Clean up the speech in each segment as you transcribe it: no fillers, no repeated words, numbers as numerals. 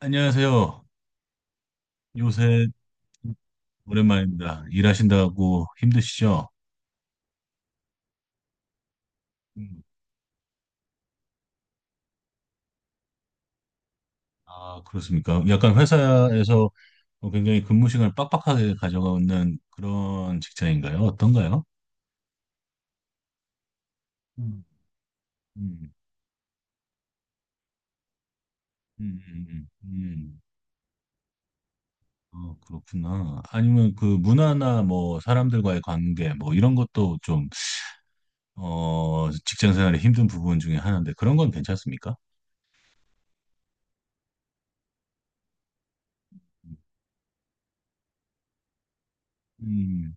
안녕하세요. 요새 오랜만입니다. 일하신다고 힘드시죠? 음. 아, 그렇습니까? 약간 회사에서 굉장히 근무 시간을 빡빡하게 가져가는 그런 직장인가요? 어떤가요? 음, 음, 음, 음, 음. 어, 그렇구나. 아니면 그 문화나 뭐 사람들과의 관계 뭐 이런 것도 좀. 직장 생활의 힘든 부분 중에 하나인데 그런 건 괜찮습니까? 음,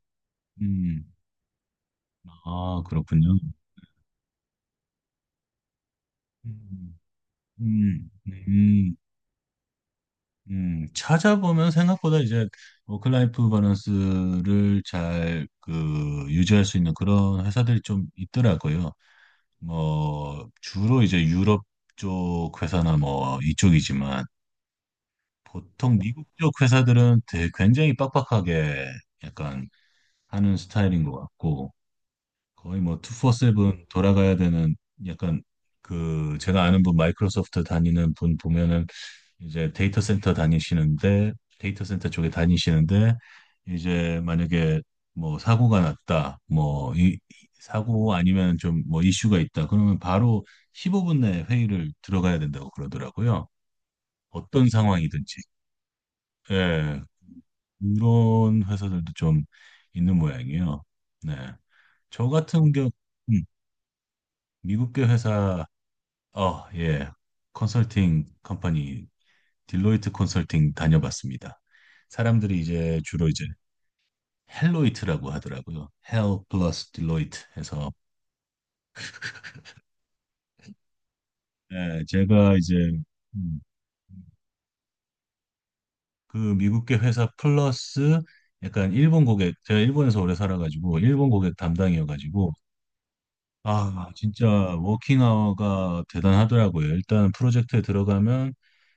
음. 아, 그렇군요. 음. 음, 음, 찾아보면 생각보다 이제 워크라이프 밸런스를 잘 그 유지할 수 있는 그런 회사들이 좀 있더라고요. 뭐 주로 이제 유럽 쪽 회사나 뭐 이쪽이지만 보통 미국 쪽 회사들은 되게 굉장히 빡빡하게 약간 하는 스타일인 것 같고, 거의 뭐 24/7 돌아가야 되는 약간, 그 제가 아는 분 마이크로소프트 다니는 분 보면은, 이제 데이터 센터 쪽에 다니시는데, 이제 만약에 뭐 사고가 났다, 뭐 이 사고 아니면 좀 뭐 이슈가 있다 그러면 바로 15분 내에 회의를 들어가야 된다고 그러더라고요. 어떤 상황이든지. 예. 이런 회사들도 좀 있는 모양이에요. 네. 저 같은 경우 음, 미국계 회사, 예. 컨설팅 컴퍼니 딜로이트 컨설팅 다녀봤습니다. 사람들이 이제 주로 이제 헬로이트라고 하더라고요. 헬 플러스 딜로이트 해서, 네, 제가 이제 음, 그 미국계 회사 플러스 약간 일본 고객, 제가 일본에서 오래 살아가지고 일본 고객 담당이어가지고, 아, 진짜 워킹 아워가 대단하더라고요. 일단 프로젝트에 들어가면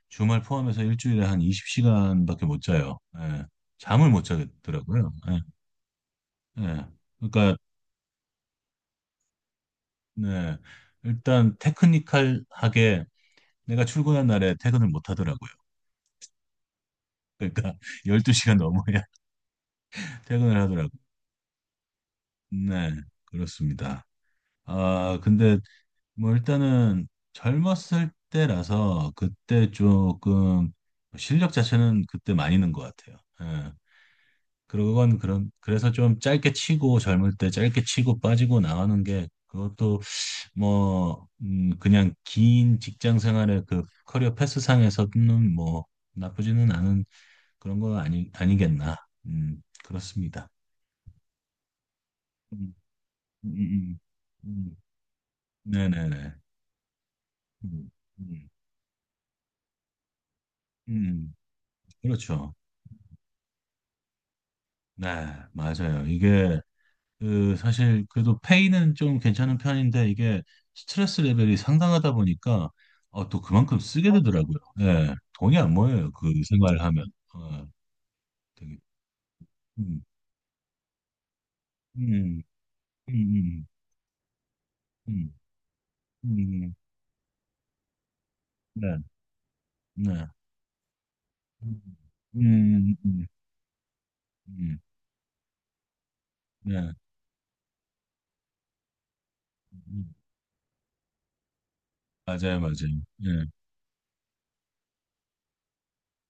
주말 포함해서 일주일에 한 20시간밖에 못 자요. 예, 잠을 못 자겠더라고요. 예, 예. 그러니까 네. 일단 테크니컬하게 내가 출근한 날에 퇴근을 못 하더라고요. 그러니까 12시간 넘어야 퇴근을 하더라고요. 네, 그렇습니다. 아, 근데 뭐 일단은 젊었을 때라서 그때 조금 실력 자체는 그때 많이 는것 같아요. 예. 그건 그런 그래서 좀 짧게 치고 젊을 때 짧게 치고 빠지고 나가는 게, 그것도 뭐, 그냥 긴 직장 생활의 그 커리어 패스상에서는 뭐 나쁘지는 않은 그런 거 아니, 아니겠나. 그렇습니다. 음, 음, 음, 음. 음, 네네네. 음, 음, 음, 음. 그렇죠. 네, 맞아요. 이게 그 사실 그래도 페이는 좀 괜찮은 편인데, 이게 스트레스 레벨이 상당하다 보니까 또 그만큼 쓰게 되더라고요. 예, 돈이 안 모여요. 그 생활을 하면. 어, 되게, 음. 음, 음, 음, 음, 네, 네. 음, 음, 음, 음, 네. 음. 맞아요, 맞아요. 예.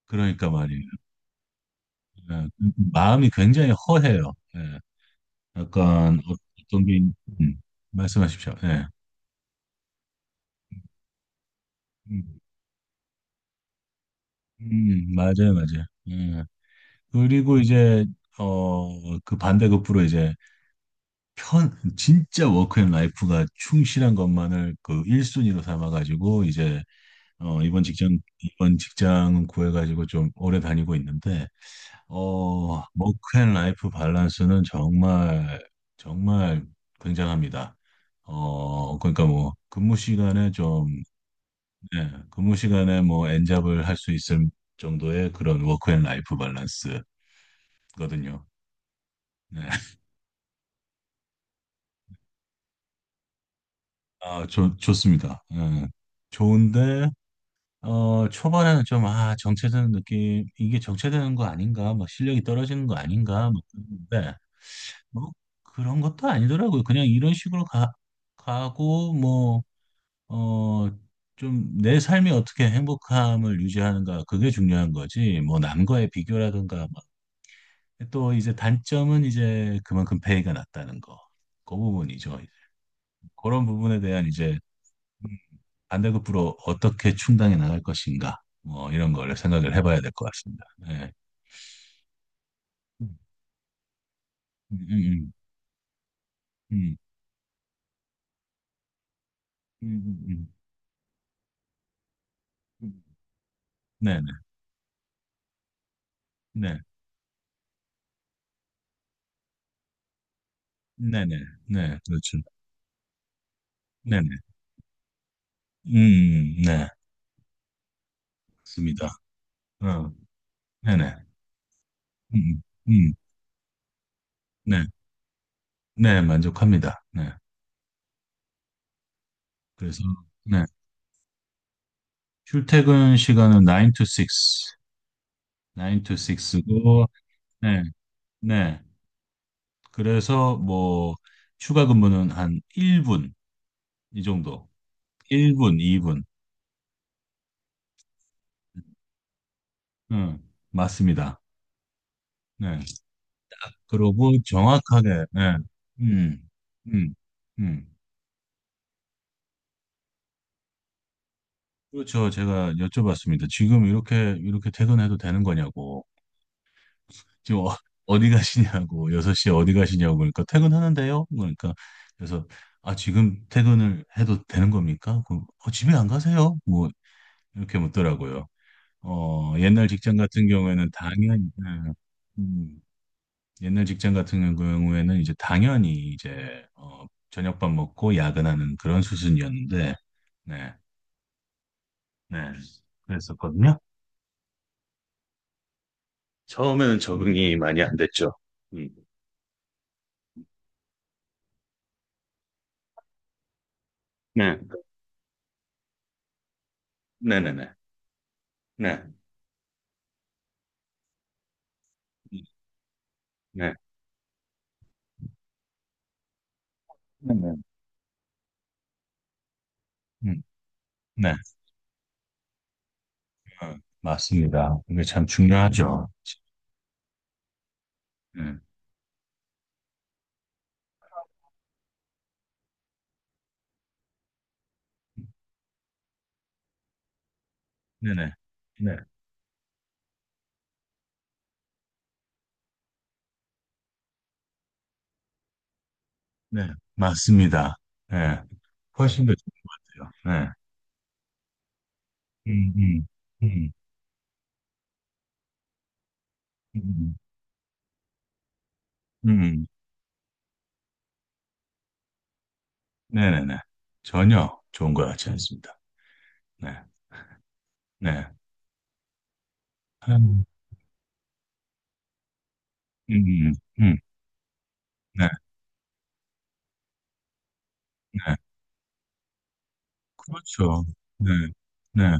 그러니까 말이에요. 예. 그 마음이 굉장히 허해요. 예. 약간 어떤 게, 있- 음, 말씀하십시오. 예. 음, 맞아요, 맞아요. 예. 그리고 이제, 그 반대급부로 이제 편, 진짜 워크앤 라이프가 충실한 것만을 그 1순위로 삼아가지고 이제 이번 직장 구해가지고 좀 오래 다니고 있는데, 어, 워크앤 라이프 밸런스는 정말, 정말 굉장합니다. 그러니까 뭐, 예, 근무 시간에 뭐, 엔잡을 할 수 있을 정도의 그런 워크앤 라이프 밸런스거든요. 네. 아, 좋습니다. 예. 좋은데, 초반에는 좀, 아, 정체되는 느낌, 이게 정체되는 거 아닌가, 막 실력이 떨어지는 거 아닌가, 막 그랬는데, 뭐 그런 것도 아니더라고요. 그냥 이런 식으로 가고 뭐, 어 좀 내 삶이 어떻게 행복함을 유지하는가, 그게 중요한 거지. 뭐 남과의 비교라든가 막. 또 이제 단점은 이제 그만큼 페이가 낮다는 거. 그 부분이죠. 이제 그런 부분에 대한 이제 반대급부로 어떻게 충당해 나갈 것인가, 뭐 이런 거를 생각을 해봐야 될 것 같습니다. 네. 음, 음, 음, 음, 음, 음, 음. 네네, 네, 네네, 네, 네. 그렇죠. 네네. 네. 맞습니다. 어, 네네. 음, 음, 음. 네. 네, 만족합니다. 네. 그래서, 네. 출퇴근 시간은 9 to 6, 9 to 6고, 네, 네. 그래서 뭐, 추가 근무는 한 1분, 이 정도. 1분, 2분. 응, 맞습니다. 네. 그러고 정확하게, 네. 음, 음, 음. 그렇죠. 제가 여쭤봤습니다. 지금 이렇게 퇴근해도 되는 거냐고. 지금 어디 가시냐고, 6시에 어디 가시냐고, 그러니까 퇴근하는데요? 그러니까, 그래서, 아, 지금 퇴근을 해도 되는 겁니까? 집에 안 가세요? 뭐, 이렇게 묻더라고요. 어, 옛날 직장 같은 경우에는 당연히, 음, 음, 옛날 직장 같은 경우에는 이제 당연히 이제, 저녁밥 먹고 야근하는 그런 수순이었는데, 네, 네, 그랬었거든요. 처음에는 적응이 많이 안 됐죠. 음, 네, 네네네, 네, 네. 네네. 음, 네, 맞습니다. 이게 참 중요하죠. 네, 네네. 네, 네, 맞습니다. 네, 훨씬 더 좋은 것 같아요. 네, 음, 음, 음, 음, 음, 음. 네네네. 전혀 좋은 것 같지 않습니다. 네, 네, 음, 음, 음, 음. 네, 네, 그렇죠. 네, 네,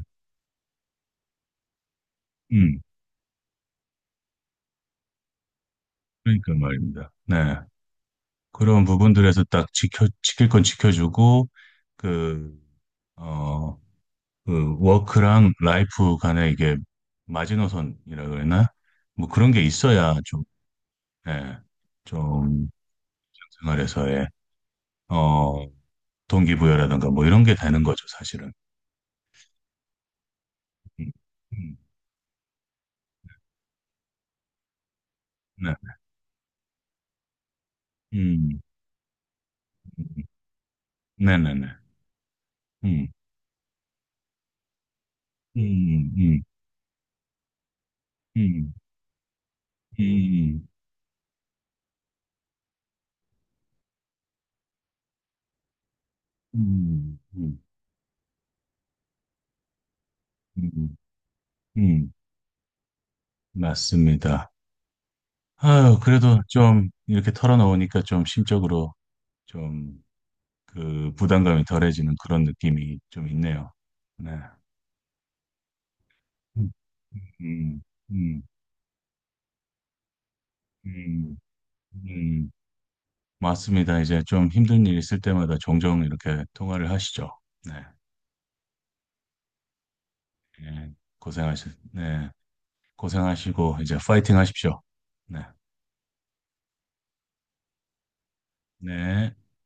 음, 그러니까 말입니다. 네, 그런 부분들에서 딱 지킬 건 지켜주고, 그, 어, 그 워크랑 라이프 간에 이게 마지노선이라 그러나, 뭐 그런 게 있어야 좀, 예, 좀 생활에서의 어 동기부여라든가 뭐 이런 게 되는 거죠, 사실은. 음, 음, 네, 음, 음, 음. 네네네, 음, 음, 음, 음, 음, 음, 음, 음, 음, 음. 맞습니다. 아유, 그래도 좀 이렇게 털어놓으니까 좀 심적으로 좀 그 부담감이 덜해지는 그런 느낌이 좀 있네요. 네. 음, 음, 음, 음, 음. 맞습니다. 이제 좀 힘든 일 있을 때마다 종종 이렇게 통화를 하시죠. 네. 예, 고생하시, 네. 고생하시고, 이제 파이팅 하십시오. 네. 네.